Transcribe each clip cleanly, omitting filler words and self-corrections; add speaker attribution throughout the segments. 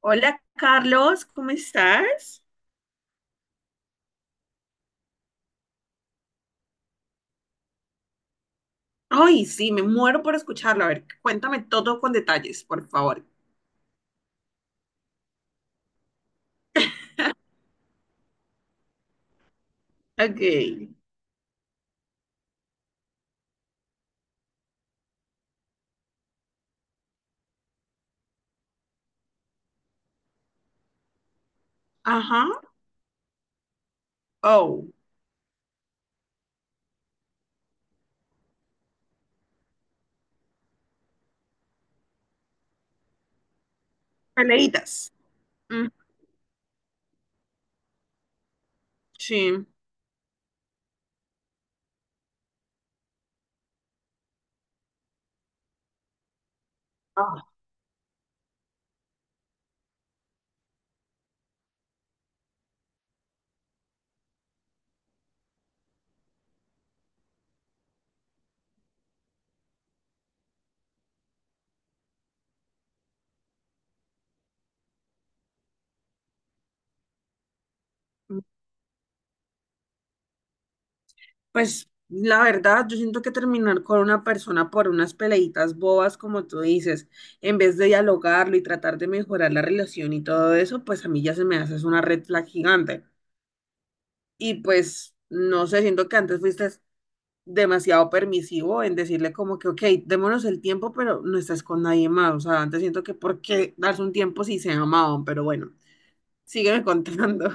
Speaker 1: Hola Carlos, ¿cómo estás? Ay, sí, me muero por escucharlo. A ver, cuéntame todo con detalles, por favor. Ok. Ajá. Oh, peleitas. Mm, sí. Ah, pues la verdad, yo siento que terminar con una persona por unas peleitas bobas, como tú dices, en vez de dialogarlo y tratar de mejorar la relación y todo eso, pues a mí ya se me hace es una red flag gigante. Y pues, no sé, siento que antes fuiste demasiado permisivo en decirle como que, ok, démonos el tiempo, pero no estás con nadie más. O sea, antes siento que por qué darse un tiempo si se amaban, pero bueno, sígueme contando.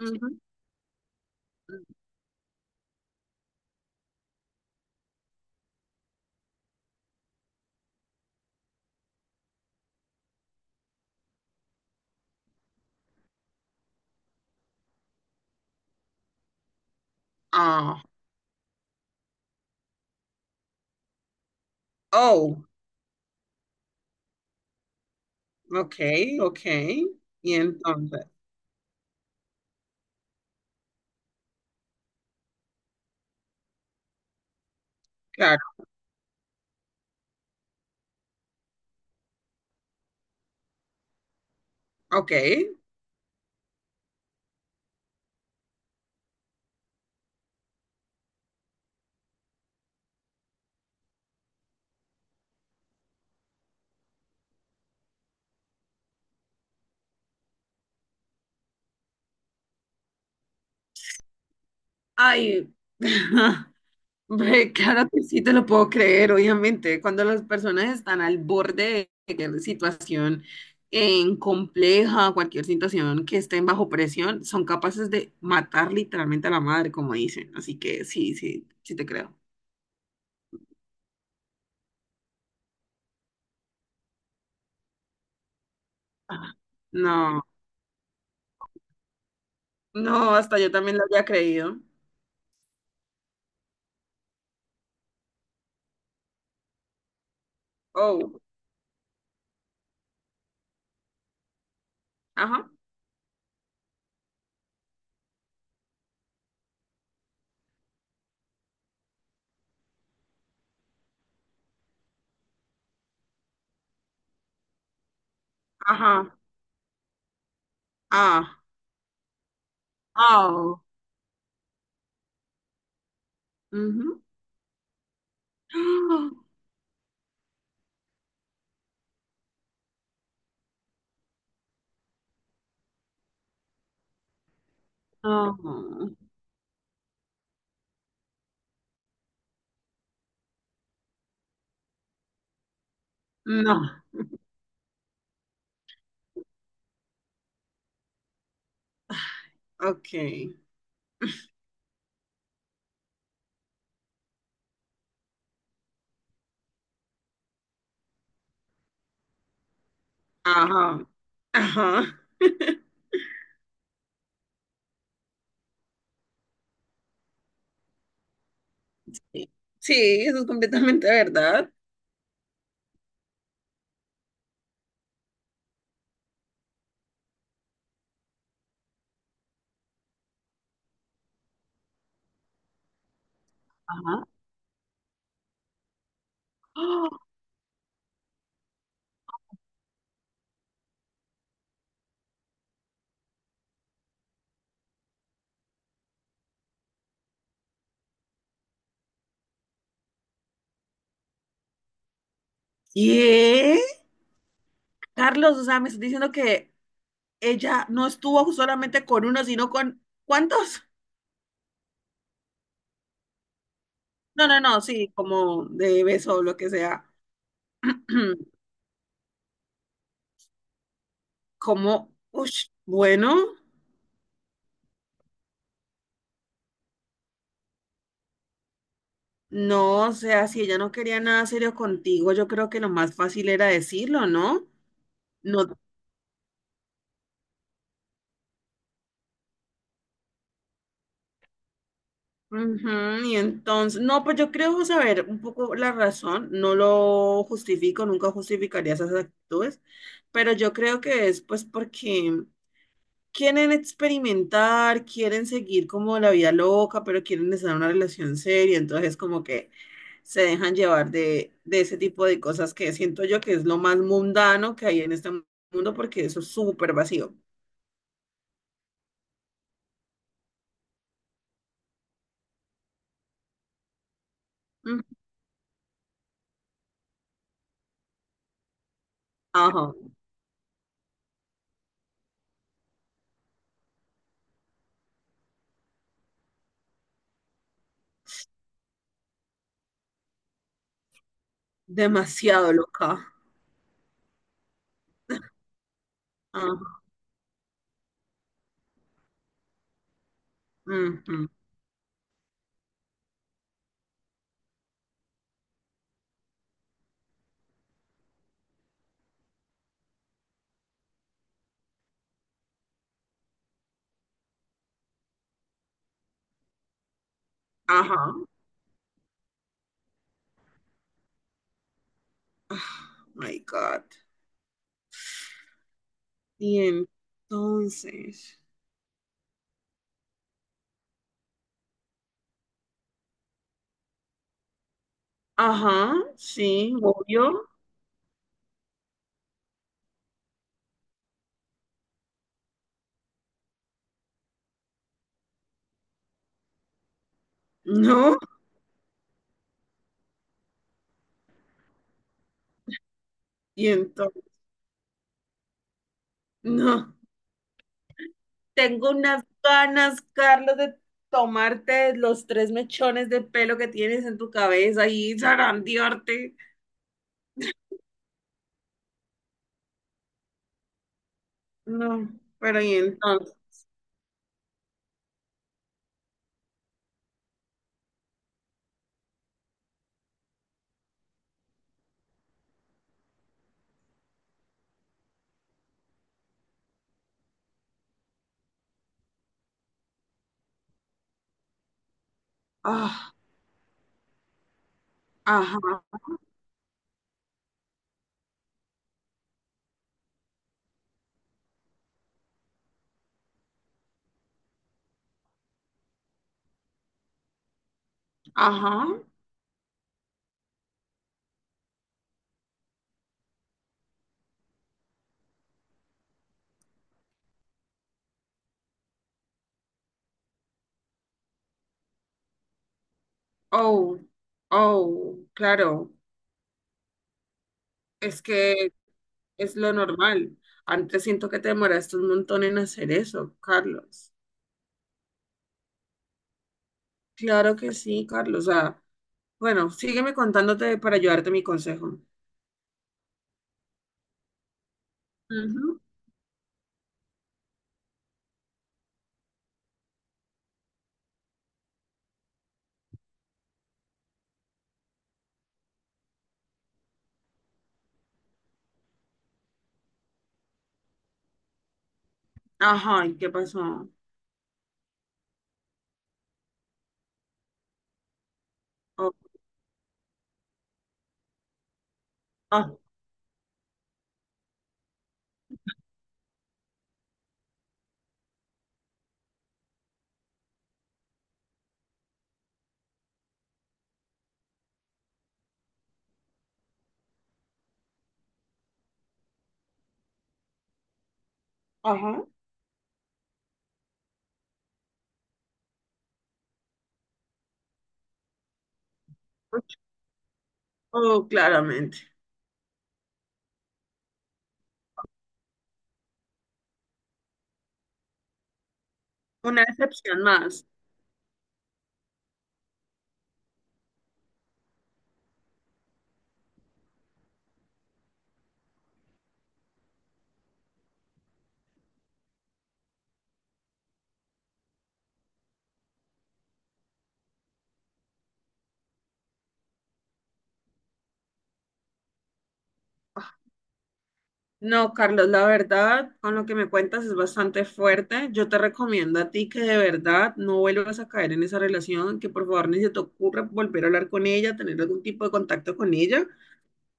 Speaker 1: Ujú. Ah, oh, ok, ok. Y entonces, claro, ok. Ay, hombre, claro que sí te lo puedo creer, obviamente. Cuando las personas están al borde de cualquier situación en compleja, cualquier situación que estén bajo presión, son capaces de matar literalmente a la madre, como dicen. Así que sí, sí, sí te creo. Ajá. No, no, hasta yo también lo había creído. Oh, ajá, ajá, ah, ah, ujú. Ah, no, no, ok, ajá, ajá. Sí, eso es completamente verdad. Ajá. ¡Ah! ¿Qué? Carlos, o sea, me estás diciendo que ella no estuvo solamente con uno, sino con ¿cuántos? No, no, no, sí, como de beso o lo que sea. Como, ush, bueno, no, o sea, si ella no quería nada serio contigo, yo creo que lo más fácil era decirlo, ¿no? No. Ujú, y entonces, no, pues yo creo saber un poco la razón, no lo justifico, nunca justificaría esas actitudes, pero yo creo que es pues porque quieren experimentar, quieren seguir como la vida loca, pero quieren estar en una relación seria, entonces como que se dejan llevar de ese tipo de cosas que siento yo que es lo más mundano que hay en este mundo porque eso es súper vacío. Ujú, ajá, demasiado loca. Ajá, ujú, ajá. Oh, my God. Y entonces, ajá, sí, obvio, no, y entonces, no. Tengo unas ganas, Carlos, de tomarte los tres mechones de pelo que tienes en tu cabeza y zarandearte. No, pero y entonces, ah, ajá, ajá, oh, oh, claro, es que es lo normal. Antes siento que te demoraste un montón en hacer eso, Carlos. Claro que sí, Carlos. Ah, bueno, sígueme contándote para ayudarte mi consejo. Ujú. Ajá, ¿y qué pasó? Oh, ah, ajá. Oh, claramente. Una excepción más. No, Carlos, la verdad, con lo que me cuentas es bastante fuerte. Yo te recomiendo a ti que de verdad no vuelvas a caer en esa relación, que por favor ni se te ocurra volver a hablar con ella, tener algún tipo de contacto con ella,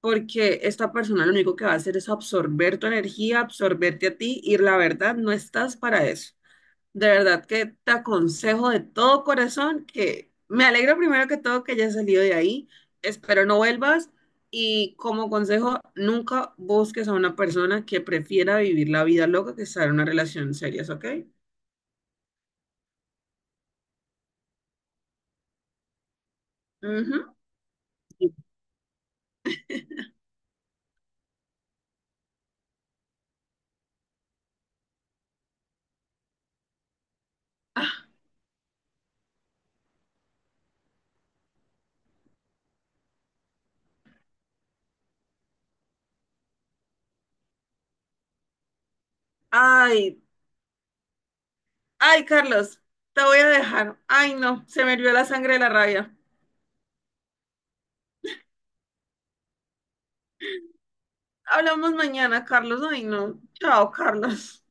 Speaker 1: porque esta persona lo único que va a hacer es absorber tu energía, absorberte a ti, y la verdad no estás para eso. De verdad que te aconsejo de todo corazón. Que me alegro primero que todo que hayas salido de ahí, espero no vuelvas, y como consejo nunca busques a una persona que prefiera vivir la vida loca que estar en una relación seria, ¿ok? Ujú. Ah, ay, ay, Carlos, te voy a dejar. Ay, no, se me hirvió la sangre de la rabia. Hablamos mañana, Carlos. Ay, no. Chao, Carlos.